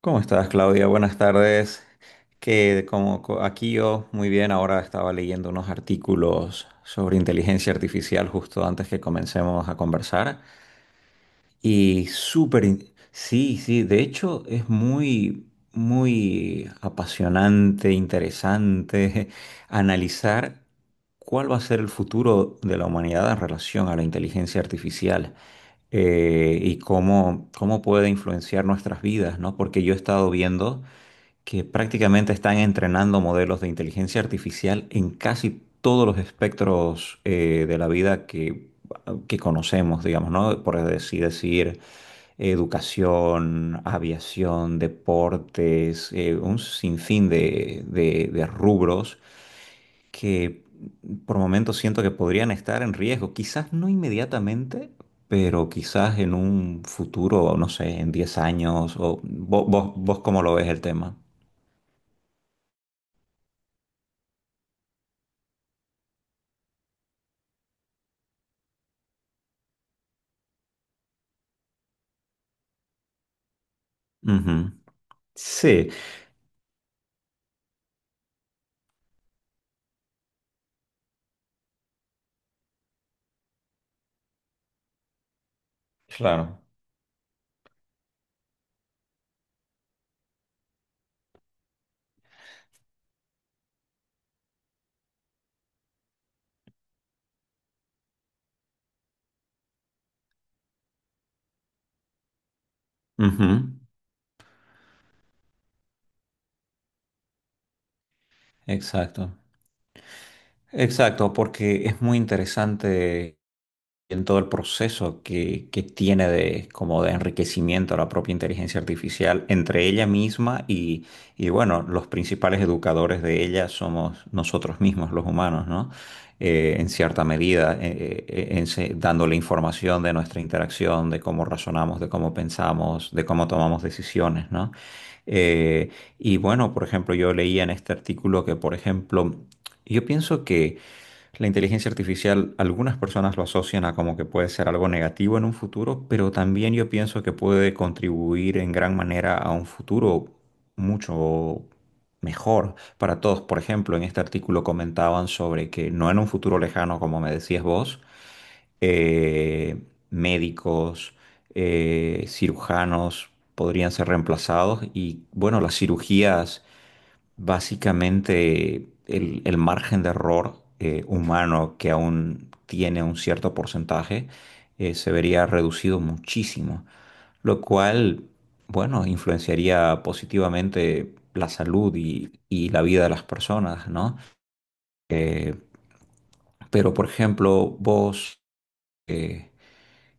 ¿Cómo estás, Claudia? Buenas tardes. Aquí yo muy bien, ahora estaba leyendo unos artículos sobre inteligencia artificial justo antes que comencemos a conversar y súper, sí, sí, de hecho es muy, muy apasionante, interesante analizar cuál va a ser el futuro de la humanidad en relación a la inteligencia artificial y cómo puede influenciar nuestras vidas, ¿no? Porque yo he estado viendo que prácticamente están entrenando modelos de inteligencia artificial en casi todos los espectros de la vida que conocemos, digamos, ¿no? Por así decir: educación, aviación, deportes, un sinfín de rubros que por momentos siento que podrían estar en riesgo, quizás no inmediatamente, pero quizás en un futuro, no sé, en 10 años, o vos cómo lo ves el tema. Ujú. Sí, claro. Ujú. Exacto. Exacto, porque es muy interesante en todo el proceso que tiene de, como de enriquecimiento a la propia inteligencia artificial entre ella misma y, bueno, los principales educadores de ella somos nosotros mismos, los humanos, ¿no? En cierta medida, dándole información de nuestra interacción, de cómo razonamos, de cómo pensamos, de cómo tomamos decisiones, ¿no? Eh, y bueno, por ejemplo, yo leía en este artículo que, por ejemplo, yo pienso que la inteligencia artificial, algunas personas lo asocian a como que puede ser algo negativo en un futuro, pero también yo pienso que puede contribuir en gran manera a un futuro mucho mejor para todos. Por ejemplo, en este artículo comentaban sobre que no en un futuro lejano, como me decías vos, eh, médicos, cirujanos podrían ser reemplazados y bueno, las cirugías... Básicamente, el margen de error humano que aún tiene un cierto porcentaje se vería reducido muchísimo, lo cual, bueno, influenciaría positivamente la salud y la vida de las personas, ¿no? Eh, pero, por ejemplo, vos, eh,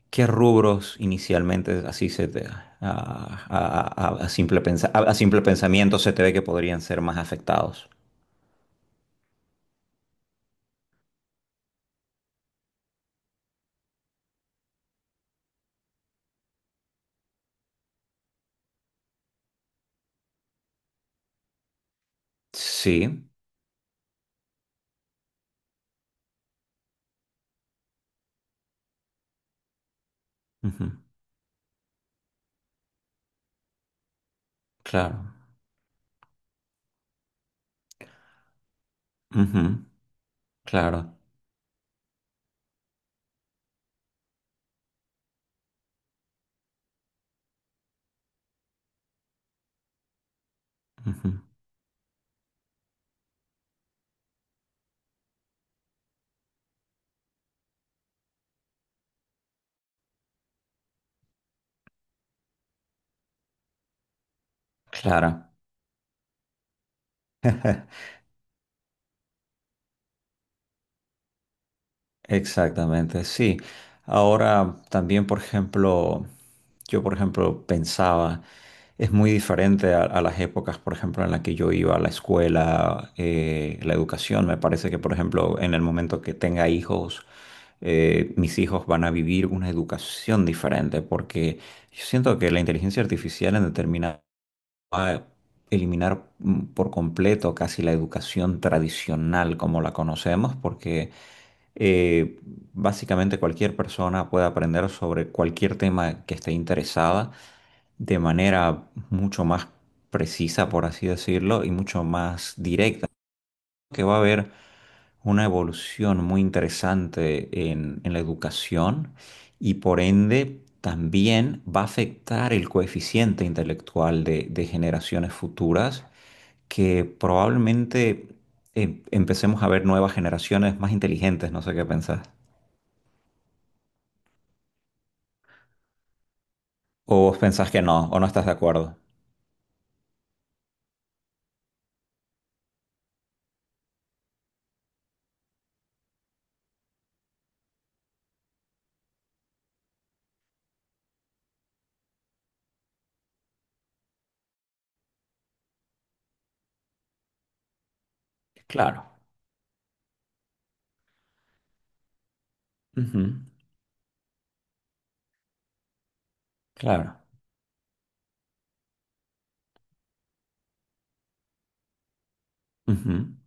¿qué rubros inicialmente así se te, a simple pensa- a simple pensamiento se te ve que podrían ser más afectados? Sí. Ujú, claro, ujú, claro, ujú, claro, exactamente, sí. Ahora también, por ejemplo, yo, por ejemplo, pensaba, es muy diferente a las épocas, por ejemplo, en las que yo iba a la escuela, la educación, me parece que, por ejemplo, en el momento que tenga hijos, mis hijos van a vivir una educación diferente, porque yo siento que la inteligencia artificial en determinado a eliminar por completo casi la educación tradicional como la conocemos, porque eh, básicamente cualquier persona puede aprender sobre cualquier tema que esté interesada de manera mucho más precisa, por así decirlo, y mucho más directa, que va a haber una evolución muy interesante en la educación y por ende... También va a afectar el coeficiente intelectual de generaciones futuras, que probablemente empecemos a ver nuevas generaciones más inteligentes, no sé qué pensás. O vos pensás que no, o no estás de acuerdo. Claro. Ujú, claro. Ujú,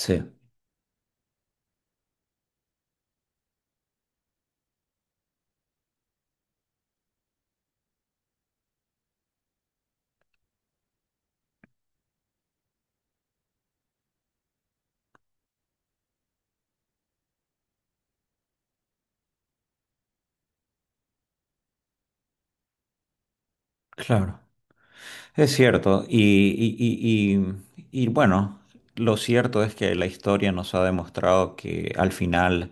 sí, claro. Es cierto, y, y, y bueno, lo cierto es que la historia nos ha demostrado que al final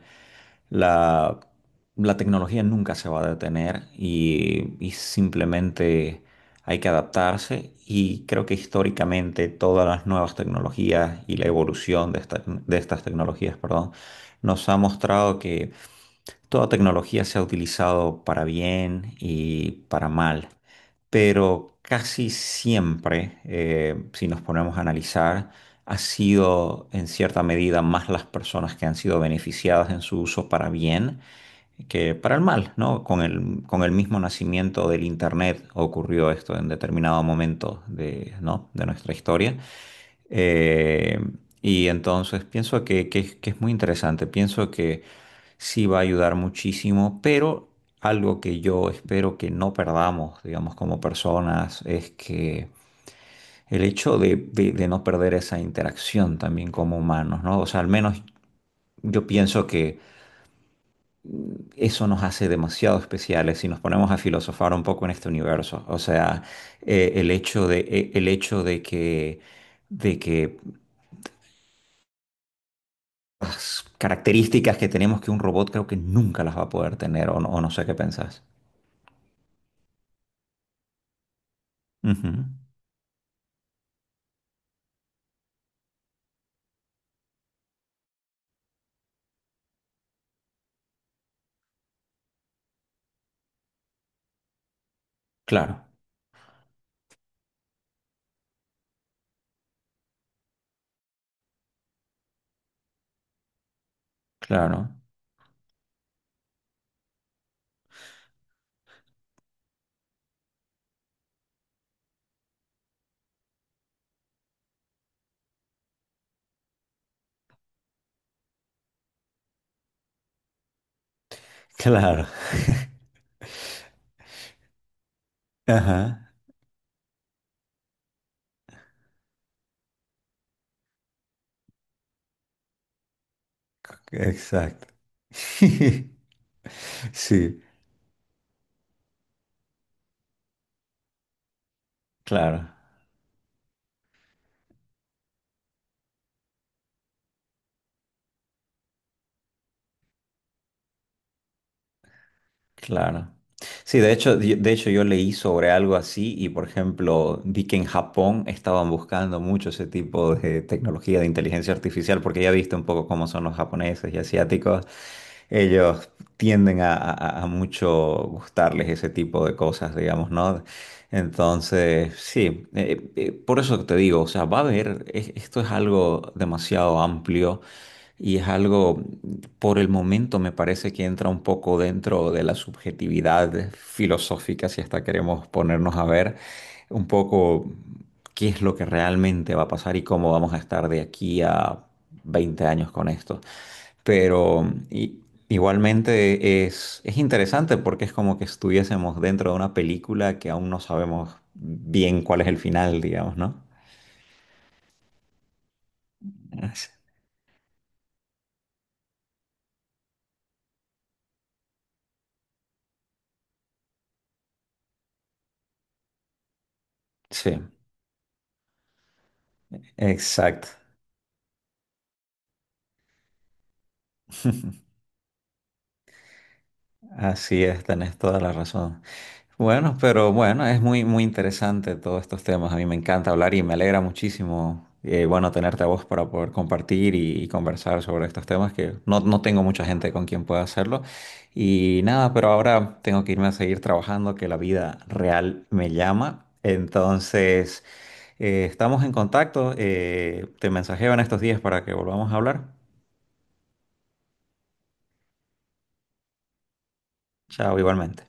la, la tecnología nunca se va a detener y simplemente hay que adaptarse y creo que históricamente todas las nuevas tecnologías y la evolución de estas tecnologías, perdón, nos ha mostrado que toda tecnología se ha utilizado para bien y para mal, pero casi siempre, si nos ponemos a analizar, ha sido en cierta medida más las personas que han sido beneficiadas en su uso para bien que para el mal, ¿no? Con el mismo nacimiento del Internet ocurrió esto en determinado momento de, ¿no?, de nuestra historia. Eh, y entonces pienso que es muy interesante. Pienso que sí va a ayudar muchísimo, pero algo que yo espero que no perdamos, digamos, como personas, es que el hecho de no perder esa interacción también como humanos, ¿no? O sea, al menos yo pienso que eso nos hace demasiado especiales si nos ponemos a filosofar un poco en este universo. O sea, el hecho de que las características que tenemos que un robot creo que nunca las va a poder tener, o no sé qué pensás. Ujú, claro. Claro. Claro. Ajá, exacto. Sí, claro, claro. Sí, de hecho, de hecho yo leí sobre algo así y, por ejemplo, vi que en Japón estaban buscando mucho ese tipo de tecnología de inteligencia artificial porque ya viste un poco cómo son los japoneses y asiáticos. Ellos tienden a mucho gustarles ese tipo de cosas, digamos, ¿no? Entonces, sí, por eso te digo, o sea, va a haber, esto es algo demasiado amplio y es algo, por el momento me parece que entra un poco dentro de la subjetividad filosófica, si hasta queremos ponernos a ver un poco qué es lo que realmente va a pasar y cómo vamos a estar de aquí a 20 años con esto. Pero i- igualmente es interesante porque es como que estuviésemos dentro de una película que aún no sabemos bien cuál es el final, digamos, ¿no? Así- Sí, exacto. Así es, tenés toda la razón. Bueno, pero bueno, es muy, muy interesante todos estos temas. A mí me encanta hablar y me alegra muchísimo, bueno, tenerte a vos para poder compartir y conversar sobre estos temas que no, no tengo mucha gente con quien pueda hacerlo. Y nada, pero ahora tengo que irme a seguir trabajando, que la vida real me llama. Entonces, estamos en contacto. Te mensajeo en estos días para que volvamos a hablar. Chao, igualmente.